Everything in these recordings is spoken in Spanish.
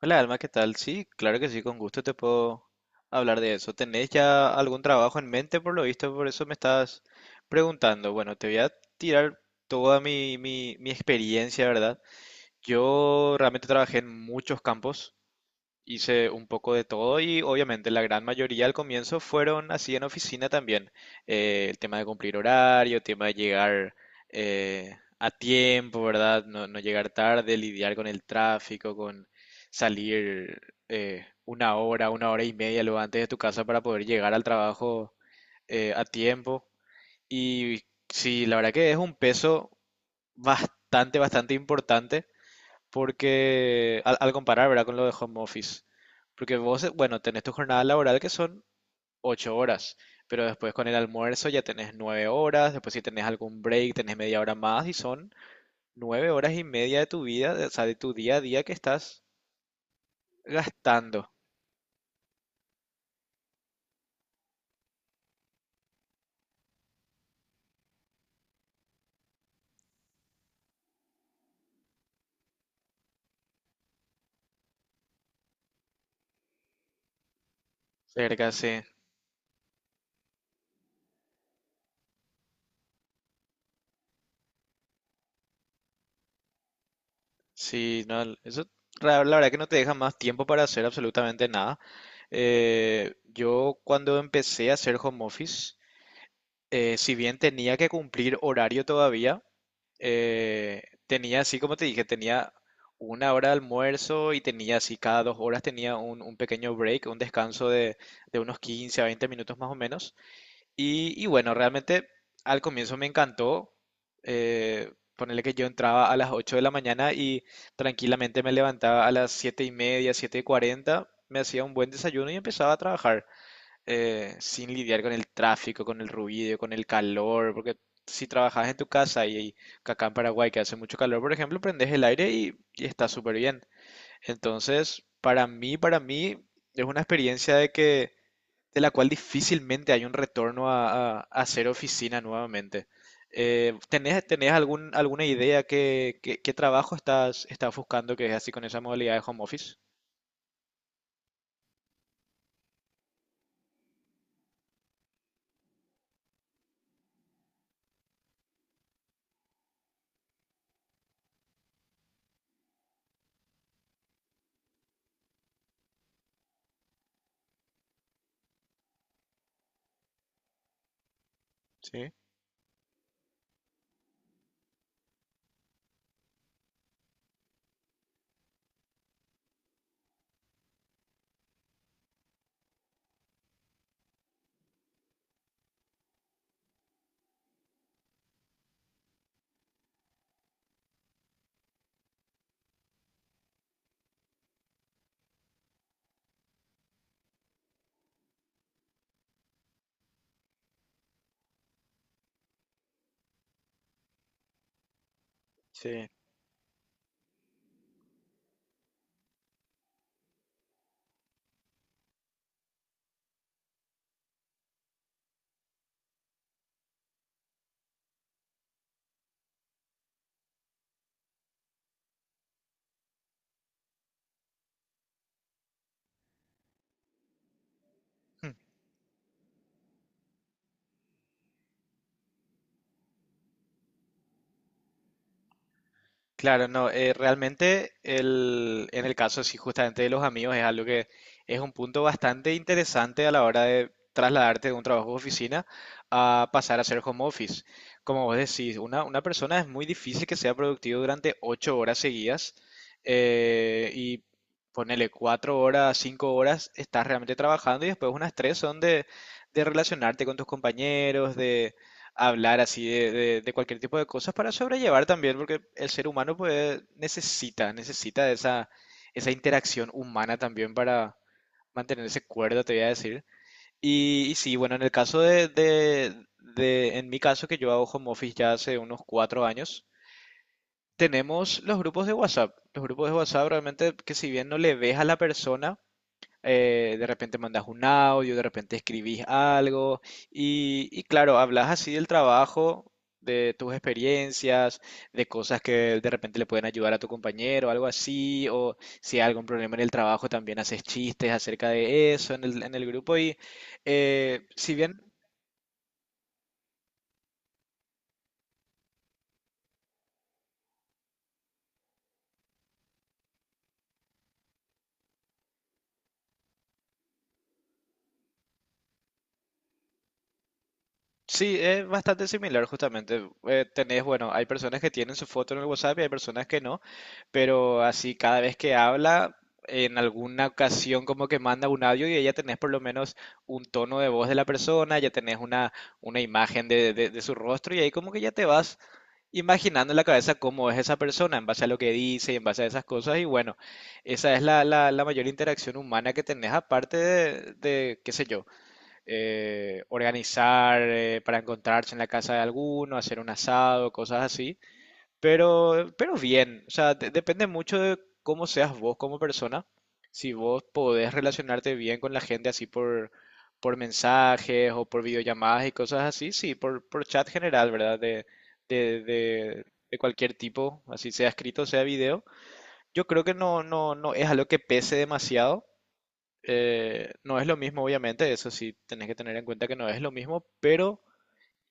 Hola Alma, ¿qué tal? Sí, claro que sí, con gusto te puedo hablar de eso. ¿Tenés ya algún trabajo en mente por lo visto? Por eso me estás preguntando. Bueno, te voy a tirar toda mi experiencia, ¿verdad? Yo realmente trabajé en muchos campos. Hice un poco de todo y obviamente la gran mayoría al comienzo fueron así en oficina también. El tema de cumplir horario, el tema de llegar a tiempo, ¿verdad? No, no llegar tarde, lidiar con el tráfico, con salir una hora y media luego antes de tu casa para poder llegar al trabajo a tiempo. Y sí, la verdad que es un peso bastante importante porque al comparar, ¿verdad? Con lo de home office. Porque vos, bueno, tenés tu jornada laboral que son 8 horas, pero después con el almuerzo ya tenés 9 horas, después si tenés algún break tenés media hora más y son 9 horas y media de tu vida, o sea, de tu día a día que estás gastando. Cerca, sí. Sí, no, eso la verdad que no te deja más tiempo para hacer absolutamente nada. Yo cuando empecé a hacer home office, si bien tenía que cumplir horario todavía, eh, tenía así, como te dije, tenía 1 hora de almuerzo y tenía así, cada 2 horas tenía un pequeño break, un descanso de unos 15 a 20 minutos más o menos. Y bueno, realmente al comienzo me encantó. Ponerle que yo entraba a las 8 de la mañana y tranquilamente me levantaba a las 7 y media, 7 y 40, me hacía un buen desayuno y empezaba a trabajar sin lidiar con el tráfico, con el ruido, con el calor, porque si trabajas en tu casa y acá en Paraguay que hace mucho calor, por ejemplo, prendes el aire y está súper bien. Entonces, para mí es una experiencia de que de la cual difícilmente hay un retorno a, a hacer oficina nuevamente. ¿Tenés algún, alguna idea que, qué trabajo estás, estás buscando que es así con esa modalidad de home office? Sí, sí. Claro, no, realmente el, en el caso sí, justamente de los amigos es algo que es un punto bastante interesante a la hora de trasladarte de un trabajo de oficina a pasar a ser home office. Como vos decís, una persona es muy difícil que sea productivo durante 8 horas seguidas y ponele 4 horas, 5 horas, estás realmente trabajando y después unas tres son de relacionarte con tus compañeros, hablar así de, de cualquier tipo de cosas para sobrellevar también, porque el ser humano pues necesita, necesita de esa, esa interacción humana también para mantenerse cuerdo, te voy a decir. Y sí, bueno, en el caso en mi caso que yo hago home office ya hace unos 4 años, tenemos los grupos de WhatsApp. Los grupos de WhatsApp realmente que si bien no le ves a la persona, de repente mandas un audio, de repente escribís algo y claro, hablas así del trabajo, de tus experiencias, de cosas que de repente le pueden ayudar a tu compañero, algo así, o si hay algún problema en el trabajo también haces chistes acerca de eso en el grupo y si bien sí, es bastante similar justamente. Tenés, bueno, hay personas que tienen su foto en el WhatsApp y hay personas que no, pero así cada vez que habla, en alguna ocasión como que manda un audio y ya tenés por lo menos un tono de voz de la persona, ya tenés una imagen de, de su rostro y ahí como que ya te vas imaginando en la cabeza cómo es esa persona en base a lo que dice y en base a esas cosas y bueno, esa es la, la mayor interacción humana que tenés aparte de, qué sé yo organizar para encontrarse en la casa de alguno, hacer un asado, cosas así. Pero bien, o sea, depende mucho de cómo seas vos como persona. Si vos podés relacionarte bien con la gente así por mensajes o por videollamadas y cosas así, sí, por chat general, ¿verdad? De, de, de cualquier tipo, así sea escrito, sea video. Yo creo que no, no, no es algo que pese demasiado. No es lo mismo, obviamente, eso sí, tenés que tener en cuenta que no es lo mismo, pero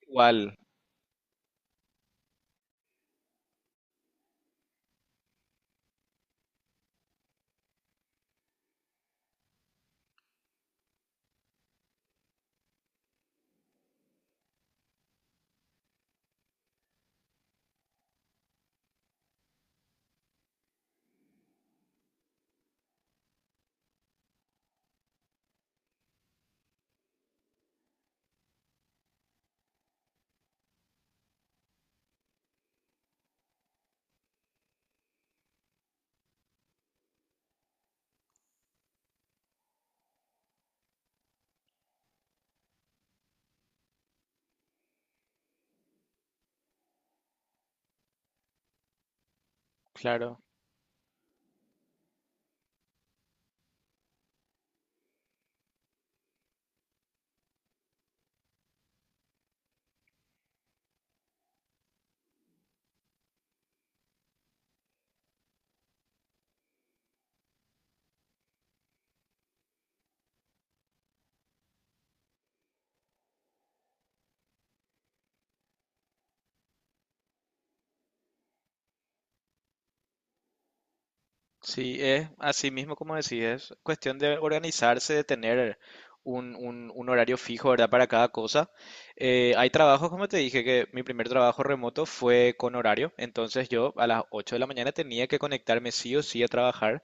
igual, claro. Sí, es así mismo como decís, es cuestión de organizarse, de tener un, un horario fijo, ¿verdad? Para cada cosa. Hay trabajos, como te dije, que mi primer trabajo remoto fue con horario, entonces yo a las 8 de la mañana tenía que conectarme sí o sí a trabajar.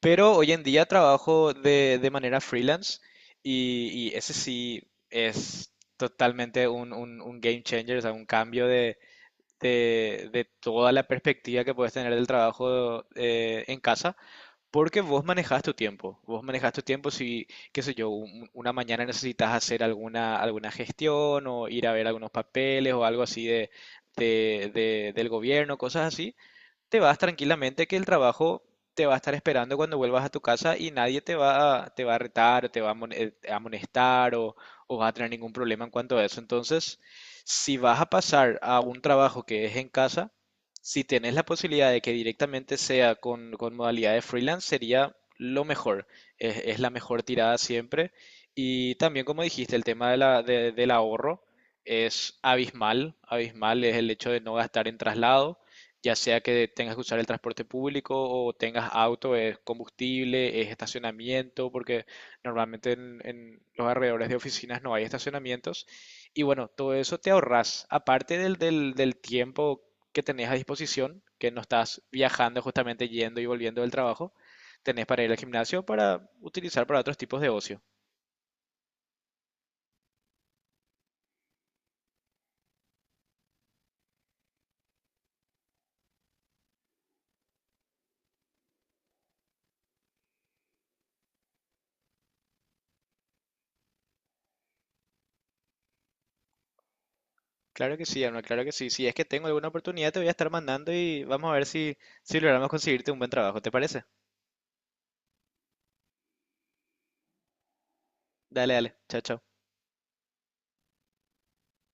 Pero hoy en día trabajo de manera freelance y ese sí es totalmente un, un game changer, o sea, un cambio de, de toda la perspectiva que puedes tener del trabajo en casa, porque vos manejas tu tiempo, vos manejas tu tiempo si, qué sé yo, una mañana necesitas hacer alguna, alguna gestión o ir a ver algunos papeles o algo así de, del gobierno, cosas así te vas tranquilamente que el trabajo te va a estar esperando cuando vuelvas a tu casa y nadie te va a, te va a retar o te va a a amonestar o va a tener ningún problema en cuanto a eso. Entonces, si vas a pasar a un trabajo que es en casa, si tenés la posibilidad de que directamente sea con modalidad de freelance, sería lo mejor. Es la mejor tirada siempre. Y también, como dijiste, el tema de del ahorro es abismal. Abismal es el hecho de no gastar en traslado ya sea que tengas que usar el transporte público o tengas auto, es combustible, es estacionamiento, porque normalmente en los alrededores de oficinas no hay estacionamientos. Y bueno, todo eso te ahorras, aparte del tiempo que tenés a disposición, que no estás viajando justamente yendo y volviendo del trabajo, tenés para ir al gimnasio para utilizar para otros tipos de ocio. Claro que sí, Alma, claro que sí. Si es que tengo alguna oportunidad, te voy a estar mandando y vamos a ver si, si logramos conseguirte un buen trabajo. ¿Te parece? Dale, dale. Chao, chao.